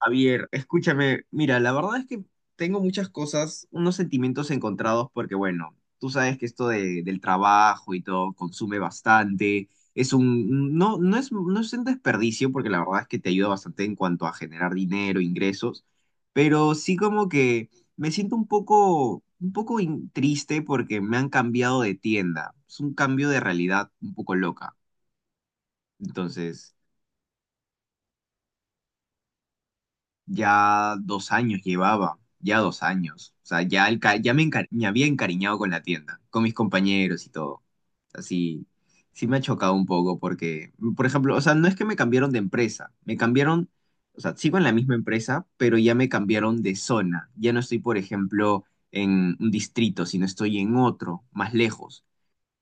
Javier, escúchame, mira, la verdad es que tengo muchas cosas, unos sentimientos encontrados, porque bueno, tú sabes que del trabajo y todo consume bastante, es un, no, no es, no es un desperdicio, porque la verdad es que te ayuda bastante en cuanto a generar dinero, ingresos, pero sí como que me siento un poco, triste porque me han cambiado de tienda, es un cambio de realidad un poco loca, entonces... Ya 2 años llevaba, ya 2 años. O sea, ya, el ca- ya me, encari- me había encariñado con la tienda, con mis compañeros y todo. Así, sí, me ha chocado un poco porque, por ejemplo, o sea, no es que me cambiaron de empresa, me cambiaron, o sea, sigo en la misma empresa, pero ya me cambiaron de zona. Ya no estoy, por ejemplo, en un distrito, sino estoy en otro, más lejos.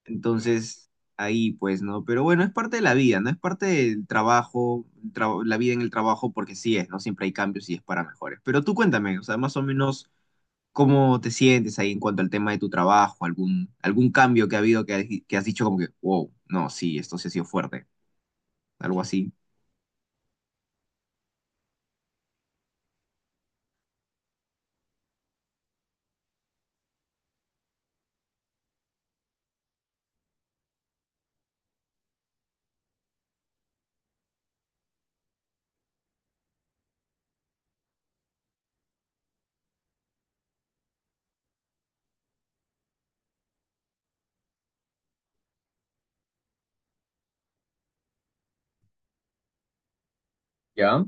Entonces, ahí pues, ¿no? Pero bueno, es parte de la vida, ¿no? Es parte del trabajo, la vida en el trabajo, porque sí es, ¿no? Siempre hay cambios y es para mejores. Pero tú cuéntame, o sea, más o menos, ¿cómo te sientes ahí en cuanto al tema de tu trabajo? ¿Algún, algún cambio que ha habido que, que has dicho como que, wow, no, sí, esto sí ha sido fuerte, algo así? Ya.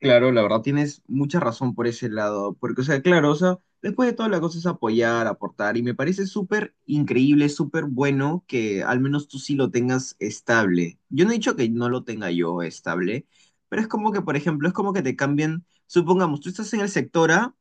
Claro, la verdad tienes mucha razón por ese lado, porque, o sea, claro, o sea, después de todo la cosa es apoyar, aportar, y me parece súper increíble, súper bueno que al menos tú sí lo tengas estable. Yo no he dicho que no lo tenga yo estable, pero es como que, por ejemplo, es como que te cambien, supongamos, tú estás en el sector A,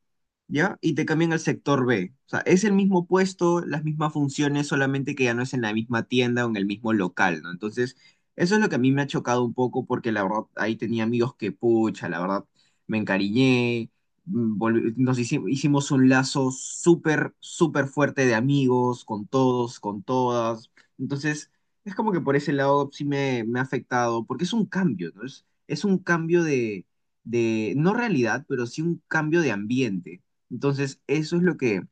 ¿ya? Y te cambian al sector B. O sea, es el mismo puesto, las mismas funciones, solamente que ya no es en la misma tienda o en el mismo local, ¿no? Entonces... Eso es lo que a mí me ha chocado un poco porque la verdad ahí tenía amigos que pucha, la verdad me encariñé, hicimos un lazo súper, súper fuerte de amigos, con todos, con todas. Entonces, es como que por ese lado sí me ha afectado porque es un cambio, ¿no? Es un cambio de, no realidad, pero sí un cambio de ambiente. Entonces, eso es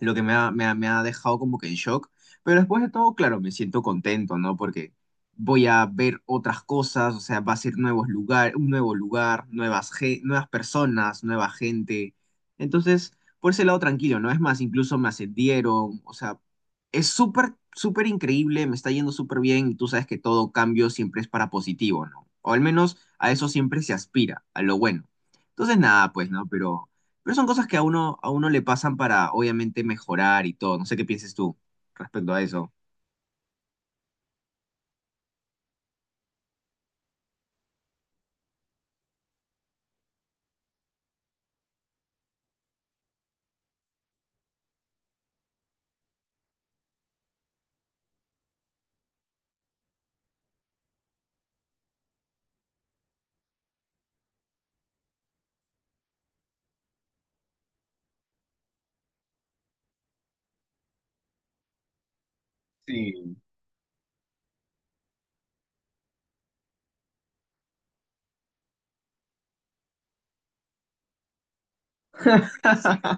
lo que me ha dejado como que en shock. Pero después de todo, claro, me siento contento, ¿no? Porque voy a ver otras cosas, o sea, va a ser nuevos lugar, un nuevo lugar, nuevas personas, nueva gente. Entonces, por ese lado tranquilo, ¿no? Es más, incluso me ascendieron, o sea, es súper, súper increíble, me está yendo súper bien y tú sabes que todo cambio siempre es para positivo, ¿no? O al menos a eso siempre se aspira, a lo bueno. Entonces, nada, pues, ¿no? Pero son cosas que a uno le pasan para, obviamente, mejorar y todo. No sé qué pienses tú respecto a eso. Sí.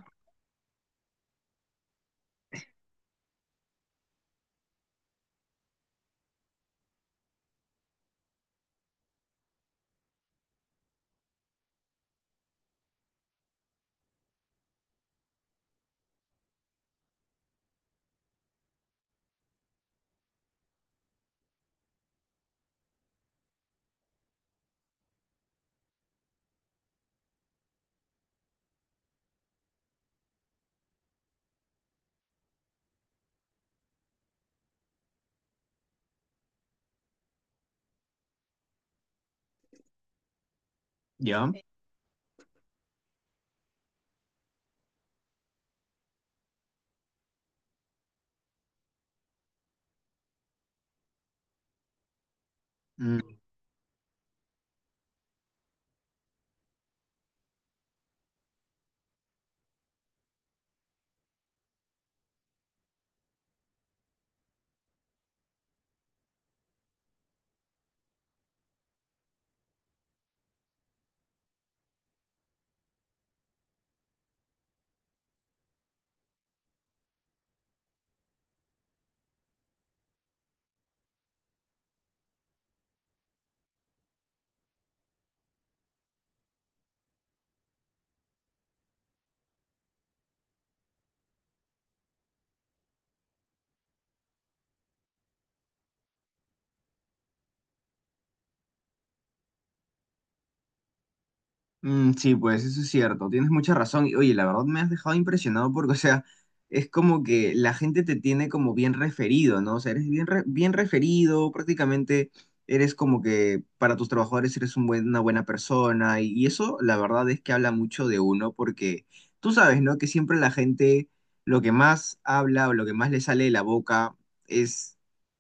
¿Ya? Mm, sí, pues eso es cierto, tienes mucha razón. Y oye, la verdad me has dejado impresionado porque, o sea, es como que la gente te tiene como bien referido, ¿no? O sea, bien referido, prácticamente eres como que para tus trabajadores eres una buena persona. Y eso, la verdad es que habla mucho de uno porque tú sabes, ¿no? Que siempre la gente lo que más habla o lo que más le sale de la boca es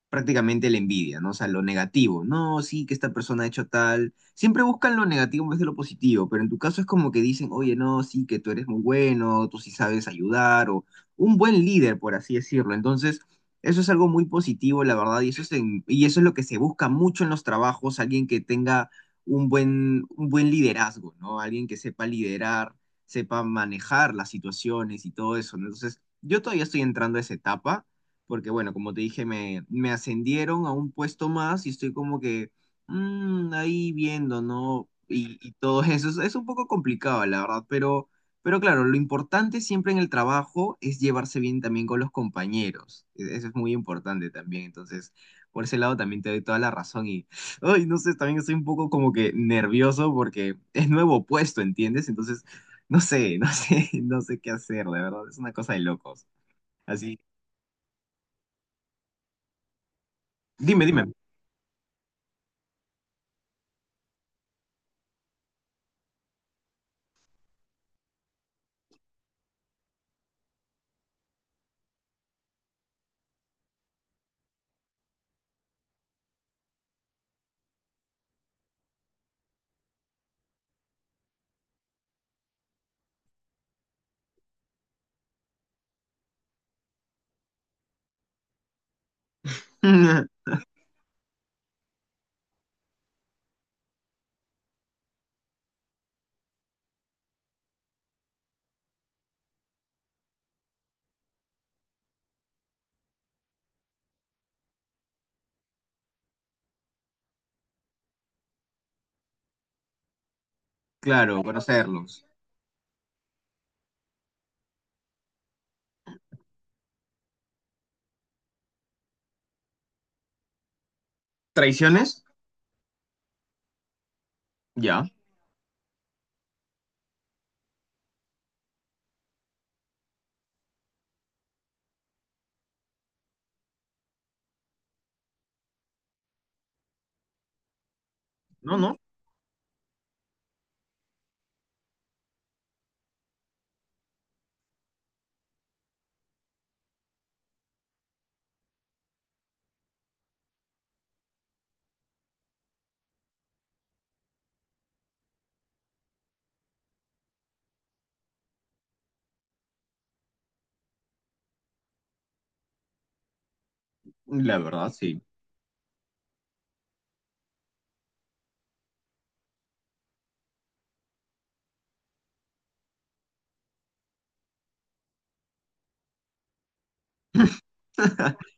prácticamente la envidia, ¿no? O sea, lo negativo. No, sí, que esta persona ha hecho tal siempre buscan lo negativo en vez de lo positivo, pero en tu caso es como que dicen, oye, no, sí, que tú eres muy bueno, tú sí sabes ayudar, o un buen líder, por así decirlo. Entonces, eso es algo muy positivo, la verdad, y y eso es lo que se busca mucho en los trabajos, alguien que tenga un buen liderazgo, ¿no? Alguien que sepa liderar, sepa manejar las situaciones y todo eso, ¿no? Entonces, yo todavía estoy entrando a esa etapa, porque bueno, como te dije, me ascendieron a un puesto más y estoy como que mm, ahí viendo, ¿no? Y todo eso. Es un poco complicado, la verdad, pero claro, lo importante siempre en el trabajo es llevarse bien también con los compañeros. Eso es muy importante también. Entonces, por ese lado también te doy toda la razón y, ay, no sé, también estoy un poco como que nervioso porque es nuevo puesto, ¿entiendes? Entonces, no sé, no sé, no sé qué hacer, de verdad, es una cosa de locos. Así, dime, dime. Claro, conocerlos. ¿Traiciones? Ya. No, no. La verdad, sí.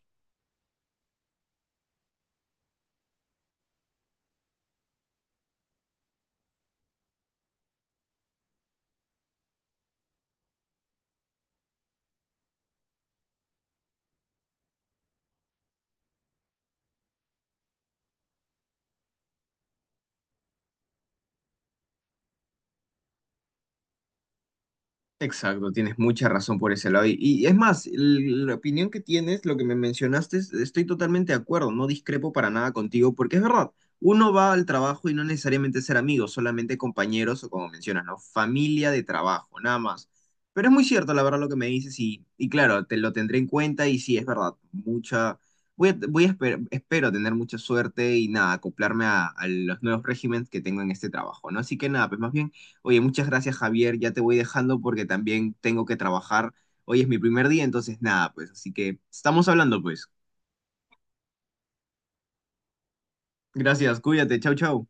Exacto, tienes mucha razón por ese lado. Y es más, la opinión que tienes, lo que me mencionaste, estoy totalmente de acuerdo, no discrepo para nada contigo, porque es verdad, uno va al trabajo y no necesariamente ser amigos, solamente compañeros o como mencionas, ¿no? Familia de trabajo, nada más. Pero es muy cierto, la verdad, lo que me dices y claro, te lo tendré en cuenta y sí, es verdad, mucha, voy a espero tener mucha suerte y nada, acoplarme a los nuevos regímenes que tengo en este trabajo, ¿no? Así que nada, pues más bien... Oye, muchas gracias, Javier. Ya te voy dejando porque también tengo que trabajar. Hoy es mi primer día, entonces nada, pues. Así que estamos hablando, pues. Gracias, cuídate. Chau, chau.